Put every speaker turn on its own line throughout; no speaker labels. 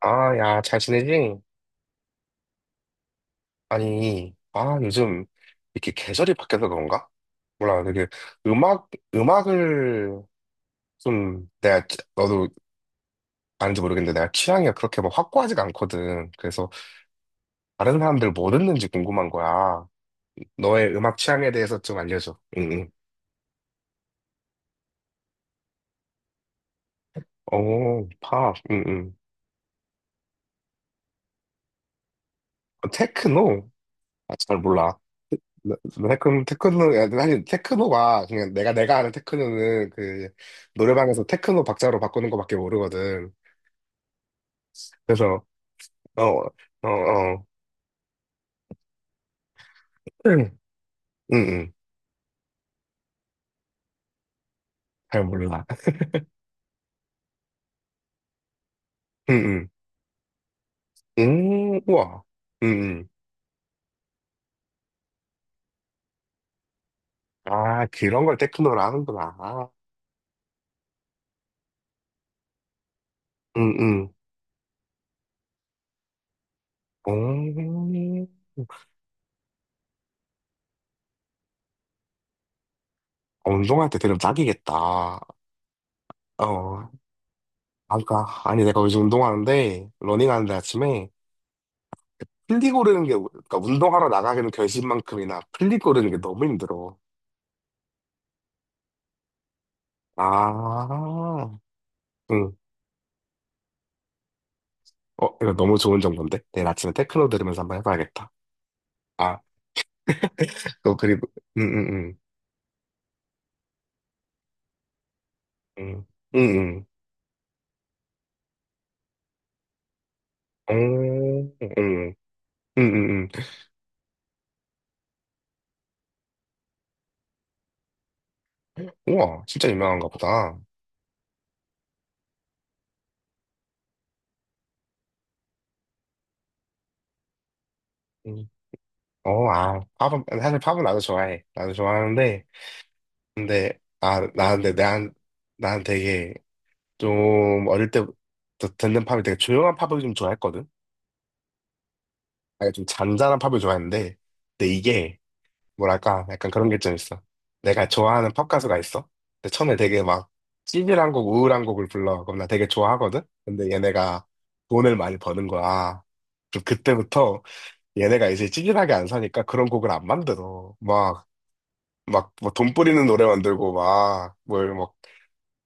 아, 야, 잘 지내지? 아니, 아, 요즘 이렇게 계절이 바뀌어서 그런가? 몰라, 되게 음악, 음악을 좀 내가, 너도 아는지 모르겠는데 내가 취향이 그렇게 막 확고하지가 않거든. 그래서 다른 사람들 뭐 듣는지 궁금한 거야. 너의 음악 취향에 대해서 좀 알려줘. 응, 응. 오, 팝, 응, 응. 어, 테크노? 아, 잘 몰라. 나 테크노, 야, 사실 테크노가 그냥 내가 아는 테크노는 그, 노래방에서 테크노 박자로 바꾸는 거밖에 모르거든. 그래서 어, 어, 어, 응, 응, 응. 잘 몰라. 응, 응, 우와, 응, 응. 아, 그런 걸 테크노로 하는구나. 아, 응, 응. 음, 운동할 때 들으면 딱이겠다. 어, 아까 아니 내가 요즘 운동하는데 러닝하는데 아침에 플리 고르는 게 그러니까 운동하러 나가기는 결심만큼이나 플리 고르는 게 너무 힘들어. 아, 응. 어, 이거 너무 좋은 정보인데? 내일 아침에 테크노 들으면서 한번 해봐야겠다. 아, 그거 그리고 응응응 응응응 응응응 응 응 응, 어, 응, 응, 응, 응. 우와 진짜 유명한가 보다. 음. 어, 아, 팝은 사실 팝은 나도 좋아해. 나도 좋아하는데 근데 아 나한테 난 되게 좀 어릴 때부터 듣는 팝이 되게 조용한 팝을 좀 좋아했거든. 아니 좀 잔잔한 팝을 좋아했는데 근데 이게 뭐랄까, 약간 그런 게 좀 있어. 내가 좋아하는 팝 가수가 있어. 근데 처음에 되게 막 찌질한 곡, 우울한 곡을 불러. 그럼 나 되게 좋아하거든? 근데 얘네가 돈을 많이 버는 거야. 그럼 그때부터 얘네가 이제 찌질하게 안 사니까 그런 곡을 안 만들어. 막, 막, 뭐 돈 뿌리는 노래 만들고 막, 뭘, 막,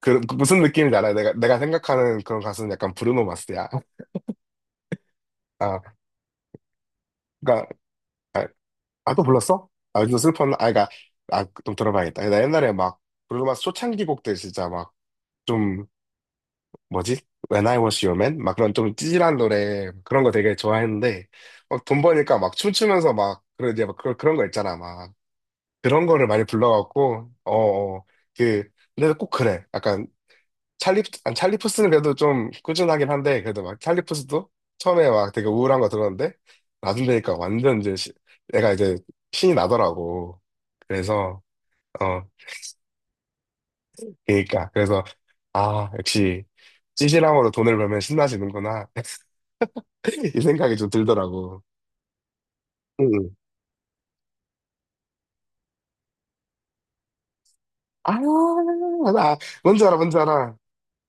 그 무슨 느낌인지 알아? 내가 생각하는 그런 가수는 약간 브루노 마스야. 아, 그니까, 아, 또 불렀어? 아, 요즘 슬퍼. 아, 그니까, 아, 좀 들어봐야겠다. 나 옛날에 막, 브루노 마스 초창기 곡들 진짜 막, 좀 뭐지? When I Was Your Man? 막 그런 좀 찌질한 노래 그런 거 되게 좋아했는데 막 돈 버니까 막 춤추면서 막 그런 이제 막 그런 거 있잖아 막 그런 거를 많이 불러갖고 어그 근데 꼭 그래 약간 찰리 아니, 찰리 푸스는 그래도 좀 꾸준하긴 한데 그래도 막 찰리 푸스도 처음에 막 되게 우울한 거 들었는데 나중 되니까 완전 이제 시, 내가 이제 신이 나더라고 그래서 어 그러니까 그래서 아 역시 찌질함으로 돈을 벌면 신나지는구나 이 생각이 좀 들더라고. 응. 아, 나, 뭔지 알아, 뭔지 알아.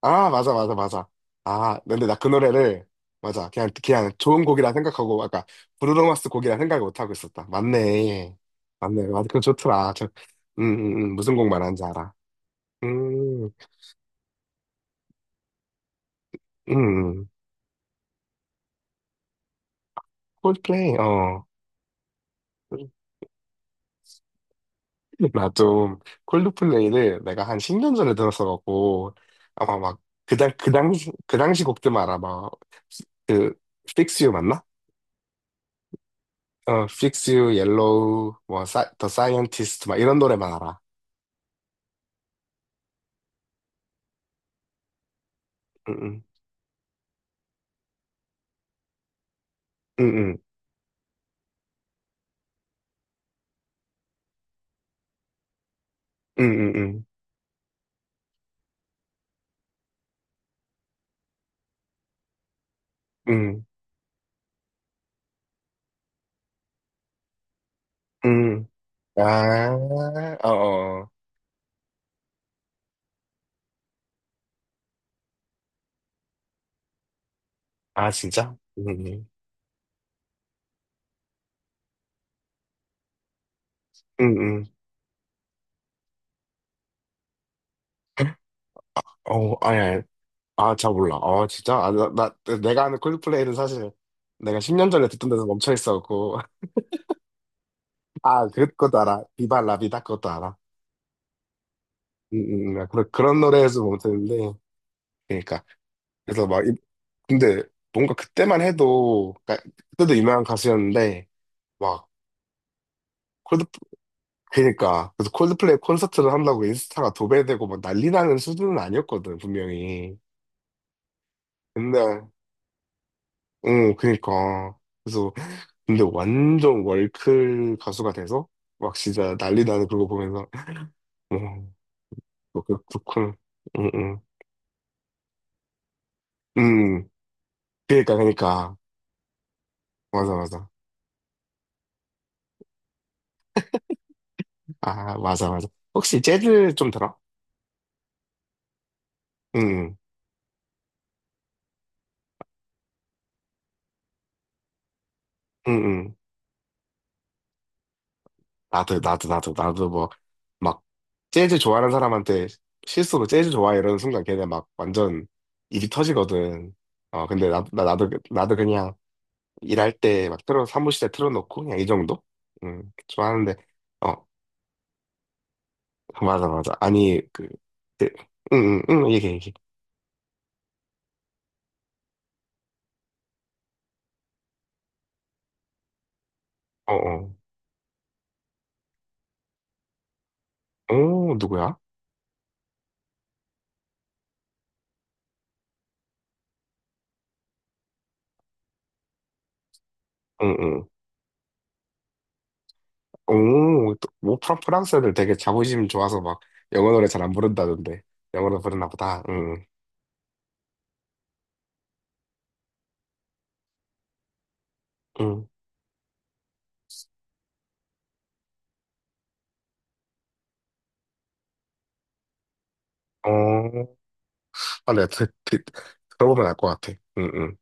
아, 맞아, 맞아, 맞아. 아, 근데 나 그 노래를, 맞아. 그냥 좋은 곡이라 생각하고, 아까, 브루노 마스 곡이라 생각을 못하고 있었다. 맞네. 맞네. 맞아. 그거 좋더라. 저, 무슨 곡 말하는지 알아. 음, 음, 콜드플레이, 어. 나 좀 콜드플레이를 내가 한 10년 전에 들었어갖고 아마 막 그당 그 당시 그 당시 곡들만 알아 막그 Fix You 맞나? 어 Fix You, Yellow, The Scientist 막 이런 노래만 알아. 응응 응응 응응 응응 아어어 아 어, 어. 아 진짜? 응응 응응 어 아니 아니 아잘 몰라. 어 진짜? 아, 나 내가 아는 콜드플레이는 사실 내가 10년 전에 듣던 데서 멈춰 있어갖고 아, 그 것도 알아. 비바 라비다 그것도 알아. 아, 그런 노래에서 못했는데. 그러니까. 그래서 막, 근데 뭔가 그때만 해도, 그러니까 그때도 유명한 가수였는데, 막, 콜드, 그러니까. 그래서 콜드플레이 콘서트를 한다고 인스타가 도배되고 막 난리 나는 수준은 아니었거든, 분명히. 근데, 응, 그러니까. 그래서, 근데 완전 월클 가수가 돼서, 막 진짜 난리 나는 그거 보면서, 음, 뭐, 그, 그렇구나. 응, 응. 음, 그러니까, 그러니까. 맞아, 맞아. 아, 맞아, 맞아. 혹시 재즈 좀 들어? 응, 응, 응. 응. 나도, 나도, 나도, 나도 뭐, 막, 재즈 좋아하는 사람한테 실수로 재즈 좋아해 이러는 순간 걔네 막 완전 입이 터지거든. 어, 근데 나도, 나도 그냥 일할 때 막 틀어, 사무실에 틀어놓고 그냥 이 정도? 응, 좋아하는데, 어, 맞아, 맞아. 아니, 그 응, 응, 응, 얘기해, 얘기해. 어, 어. 오, 누구야? 응, 응. 오, 또, 뭐 프랑스 애들 되게 자부심 좋아서 막 영어 노래 잘 안 부른다던데. 영어로 부르나 보다. 응, 응. 어, 아, 내가 들어보면 알 것 같아. 응, 응.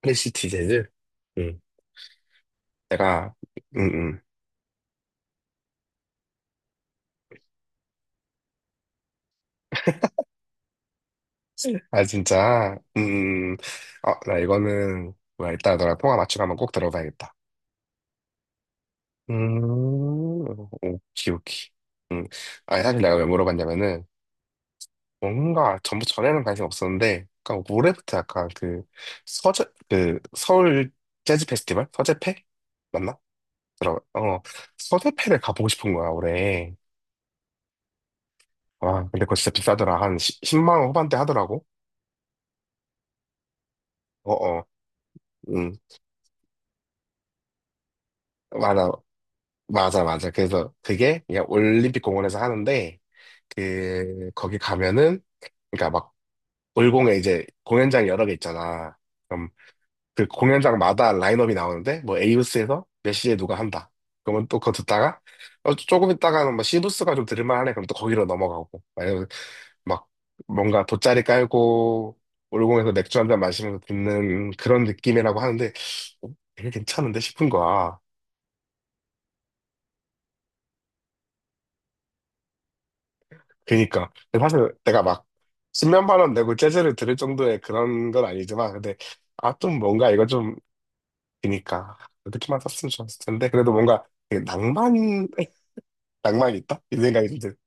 프레시티 재즈? 응. 내가, 응, 응. 아, 진짜? 어, 나 이거는, 뭐야, 이따 너랑 통화 맞추고 한번 꼭 들어봐야겠다. 음, 오키, 오키. 음, 아, 사실 내가 왜 물어봤냐면은, 뭔가 전부 전에는 관심 없었는데, 그러니까 올해부터 약간 그 서재 그 서울 재즈 페스티벌 서재페 맞나? 들어 어 서재페를 가보고 싶은 거야 올해. 와 근데 그거 진짜 비싸더라 한 10, 만원 후반대 하더라고. 어어 음 맞아 맞아 맞아. 그래서 그게 그냥 올림픽 공원에서 하는데 그 거기 가면은 그러니까 막 올공에 이제 공연장 여러 개 있잖아. 그 공연장마다 라인업이 나오는데 뭐 에이브스에서 몇 시에 누가 한다. 그러면 또 그거 듣다가 어, 조금 있다가는 뭐 시브스가 좀 들을만하네. 그럼 또 거기로 넘어가고 아니면 막 뭔가 돗자리 깔고 올공에서 맥주 한 잔 마시면서 듣는 그런 느낌이라고 하는데 어, 되게 괜찮은데 싶은 거야. 그러니까 사실 내가 막 십면만원 내고 재즈를 들을 정도의 그런 건 아니지만 근데 아 좀 뭔가 이거 좀 그니까 이렇게만 썼으면 좋았을 텐데 그래도 뭔가 되게 낭만 낭만이 있다? 이 생각이 좀 들.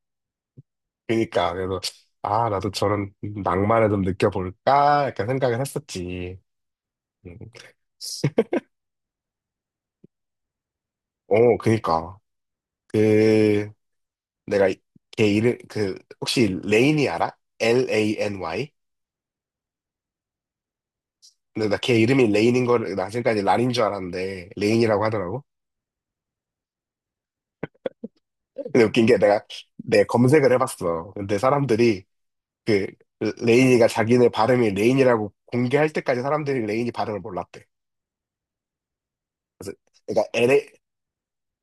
그니까, 그래서, 아, 나도 저런 낭만을 좀 느껴볼까? 약간 생각을 했었지. 음. 어, 그니까. 그, 내가 걔 이름, 그, 혹시 레인이 알아? LANY? 근데 나 걔 이름이 레인인 거를, 나 지금까지 란인 줄 알았는데, 레인이라고 하더라고. 근데 웃긴 게 내가, 내 검색을 해봤어. 근데 사람들이, 그, 레인이가 자기네 발음이 레인이라고 공개할 때까지 사람들이 레인이 발음을 몰랐대. 그래서, 그러니까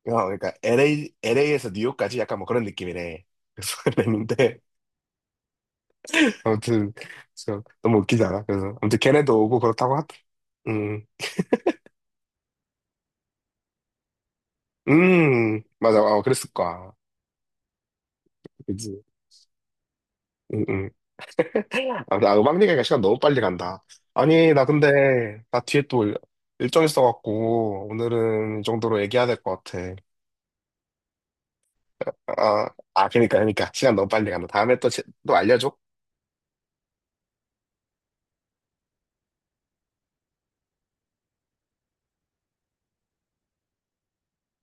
어, 그러니까 LA, LA에서 뉴욕까지 약간 뭐 그런 느낌이네. 그래서 그랬는데, 아무튼, 그래서 너무 웃기지 않아? 그래서, 아무튼 걔네도 오고 그렇다고 하더. 음, 맞아, 어, 그랬을 거야. 그지. 음, 음. 아, 나 음악 얘기가 시간 너무 빨리 간다. 아니, 나 근데, 나 뒤에 또 일정 있어갖고, 오늘은 이 정도로 얘기해야 될 것 같아. 아, 아, 그니까, 그니까. 시간 너무 빨리 간다. 다음에 또, 또 알려줘.